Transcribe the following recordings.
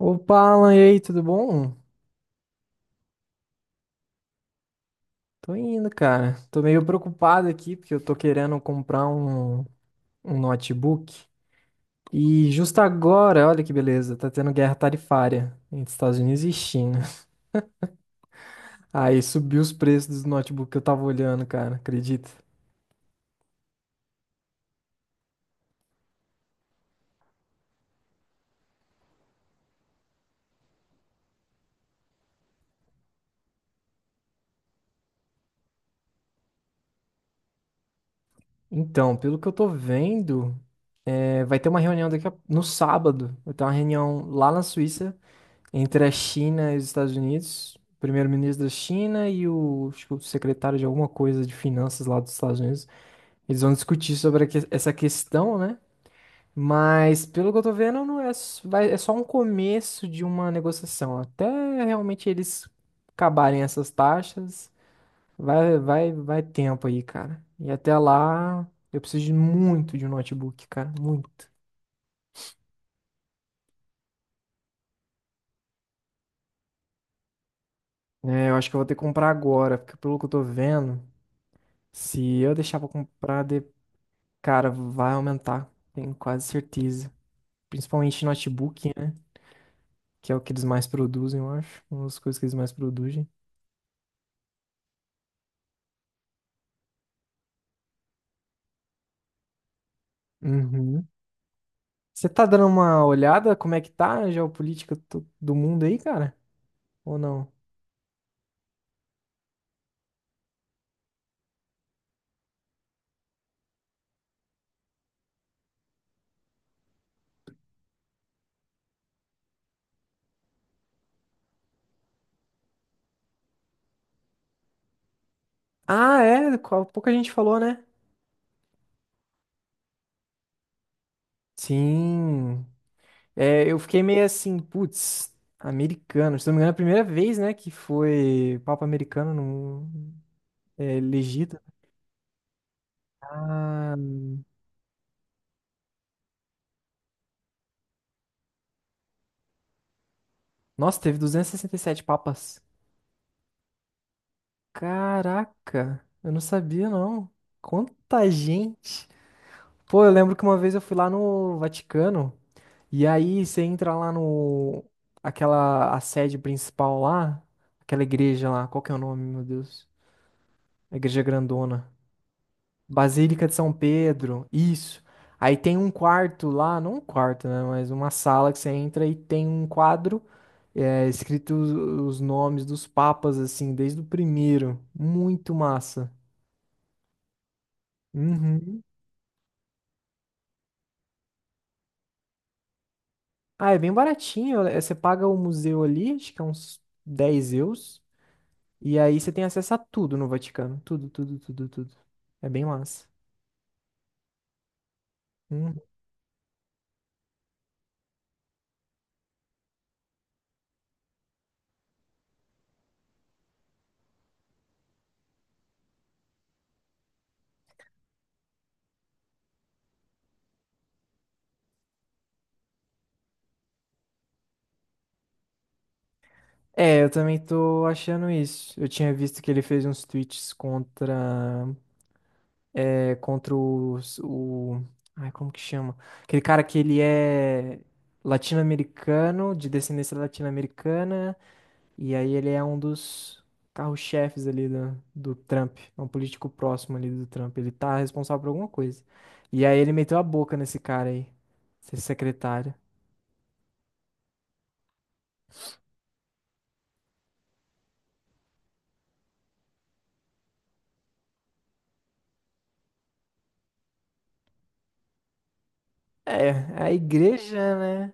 Opa, Alan, e aí, tudo bom? Tô indo, cara. Tô meio preocupado aqui porque eu tô querendo comprar um notebook. E justo agora, olha que beleza, tá tendo guerra tarifária entre Estados Unidos e China. Aí subiu os preços dos notebooks que eu tava olhando, cara, acredita? Então, pelo que eu tô vendo, vai ter uma reunião daqui a... no sábado. Vai ter uma reunião lá na Suíça entre a China e os Estados Unidos, o primeiro-ministro da China e o, acho que o secretário de alguma coisa de finanças lá dos Estados Unidos, eles vão discutir sobre essa questão, né? Mas pelo que eu tô vendo, não é, é só um começo de uma negociação. Até realmente eles acabarem essas taxas, vai tempo aí, cara. E até lá, eu preciso de muito de um notebook, cara, muito. É, eu acho que eu vou ter que comprar agora, porque pelo que eu tô vendo, se eu deixar pra comprar. Cara, vai aumentar, tenho quase certeza. Principalmente notebook, né? Que é o que eles mais produzem, eu acho. Uma das coisas que eles mais produzem. Uhum. Você tá dando uma olhada como é que tá a geopolítica do mundo aí, cara? Ou não? Ah, é, qual pouca gente falou, né? Sim. É, eu fiquei meio assim, putz, americano. Se não me engano, é a primeira vez, né, que foi Papa americano no, elegido. Ah, nossa, teve 267 papas. Caraca, eu não sabia, não. Quanta gente. Pô, eu lembro que uma vez eu fui lá no Vaticano e aí você entra lá no aquela a sede principal lá, aquela igreja lá, qual que é o nome, meu Deus? A igreja grandona. Basílica de São Pedro. Isso. Aí tem um quarto lá, não um quarto, né, mas uma sala que você entra e tem um quadro escrito os nomes dos papas assim, desde o primeiro. Muito massa. Uhum. Ah, é bem baratinho. Você paga o museu ali, acho que é uns 10 euros. E aí você tem acesso a tudo no Vaticano. Tudo, tudo, tudo, tudo. É bem massa. Uhum. É, eu também tô achando isso. Eu tinha visto que ele fez uns tweets contra. É, contra os, o. Ai, como que chama? Aquele cara que ele é latino-americano, de descendência latino-americana. E aí ele é um dos carro-chefes ali do Trump. É um político próximo ali do Trump. Ele tá responsável por alguma coisa. E aí ele meteu a boca nesse cara aí, esse secretário. É, é a igreja, né?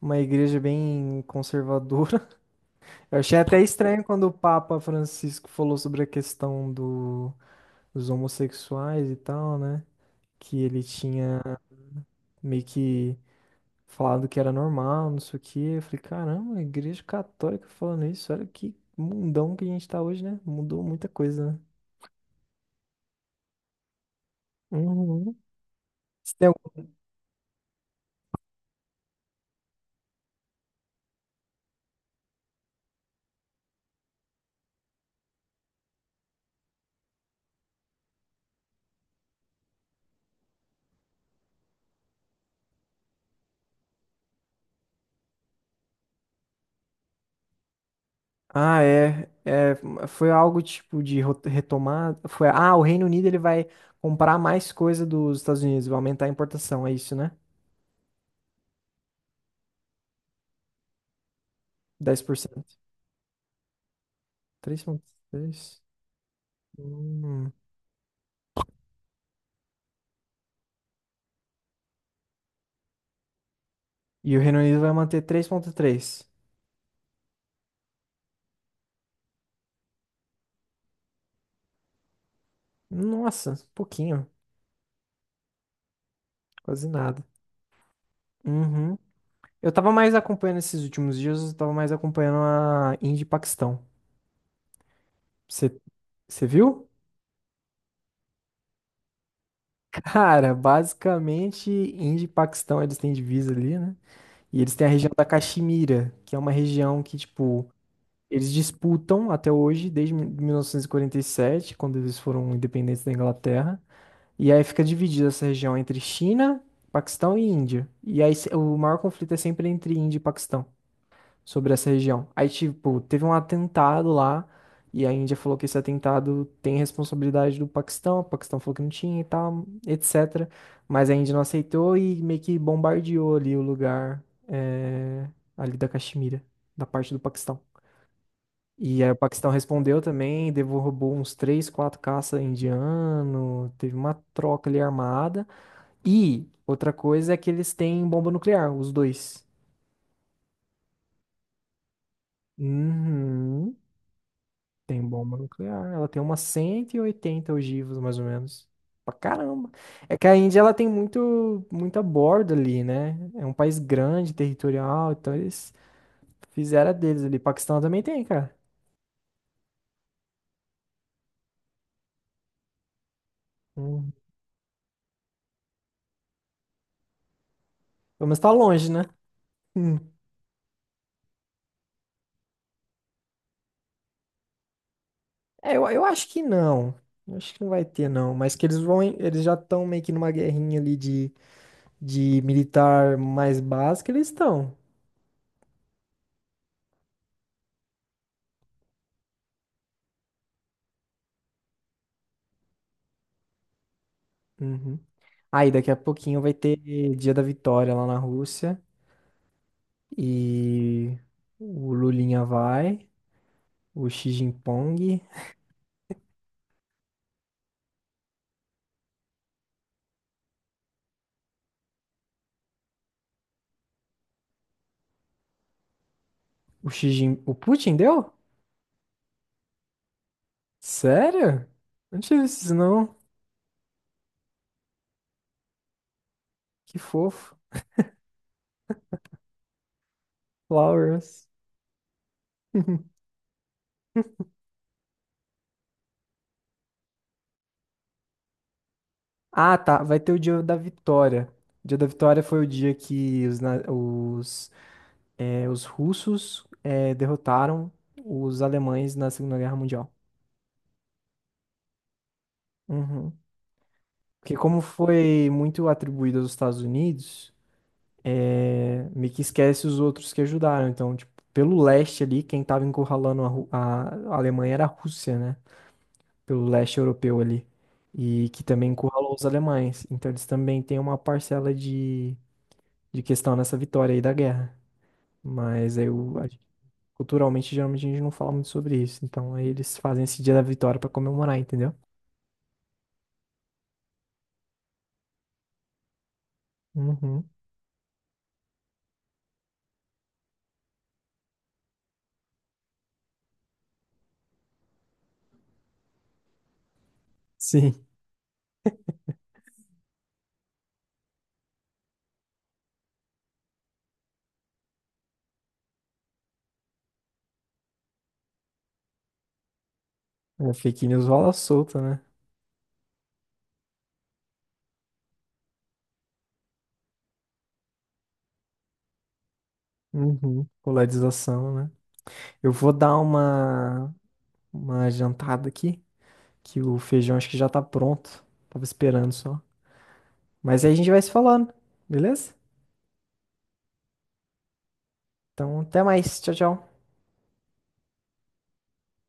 Uma igreja bem conservadora. Eu achei até estranho quando o Papa Francisco falou sobre a questão do, dos homossexuais e tal, né? Que ele tinha meio que falado que era normal, não sei o quê. Eu falei, caramba, a igreja católica falando isso, olha que mundão que a gente tá hoje, né? Mudou muita coisa, né? Uhum. Você tem algum. Ah, é, é. Foi algo tipo de retomar. Foi, o Reino Unido ele vai comprar mais coisa dos Estados Unidos, vai aumentar a importação, é isso, né? 10%. 3,3. Hum. E o Reino Unido vai manter três vírgula três. Nossa, pouquinho, quase nada. Uhum. Eu tava mais acompanhando esses últimos dias, eu tava mais acompanhando a Índia e Paquistão. Você você viu? Cara, basicamente, Índia e Paquistão, eles têm divisa ali, né? E eles têm a região da Caxemira, que é uma região que, tipo, eles disputam até hoje, desde 1947, quando eles foram independentes da Inglaterra. E aí fica dividida essa região entre China, Paquistão e Índia. E aí o maior conflito é sempre entre Índia e Paquistão sobre essa região. Aí, tipo, teve um atentado lá, e a Índia falou que esse atentado tem responsabilidade do Paquistão, o Paquistão falou que não tinha e tal, etc. Mas a Índia não aceitou e meio que bombardeou ali o lugar, eh, ali da Caxemira, da parte do Paquistão. E aí o Paquistão respondeu também, derrubou uns três, quatro caça indiano, teve uma troca ali armada. E outra coisa é que eles têm bomba nuclear, os dois. Uhum. Tem bomba nuclear. Ela tem umas 180 ogivas, mais ou menos. Pra caramba. É que a Índia, ela tem muito, muita borda ali, né? É um país grande, territorial, então eles fizeram a deles ali. Paquistão também tem, cara. Hum. Pelo menos tá longe, né? Hum. É, eu acho que não. Eu acho que não vai ter, não. Mas que eles vão, eles já estão meio que numa guerrinha ali de militar mais básica, eles estão. Uhum. Aí daqui a pouquinho vai ter Dia da Vitória lá na Rússia. E o Lulinha vai, o Xi Jinping, o Xi Jin... o Putin deu? Sério? Não tive isso não. Que fofo. Flowers. Ah, tá. Vai ter o dia da vitória. O dia da vitória foi o dia que os russos derrotaram os alemães na Segunda Guerra Mundial. Uhum. Porque como foi muito atribuído aos Estados Unidos, meio que esquece os outros que ajudaram. Então, tipo, pelo leste ali, quem tava encurralando a Alemanha era a Rússia, né? Pelo leste europeu ali. E que também encurralou os alemães. Então, eles também têm uma parcela de questão nessa vitória aí da guerra. Mas aí, culturalmente, geralmente a gente não fala muito sobre isso. Então, aí eles fazem esse dia da vitória pra comemorar, entendeu? Uhum. Sim. A fake news rola solta, né? Uhum. Polarização, né? Eu vou dar uma. Uma jantada aqui, que o feijão acho que já tá pronto. Tava esperando só. Mas aí a gente vai se falando, beleza? Então, até mais. Tchau, tchau.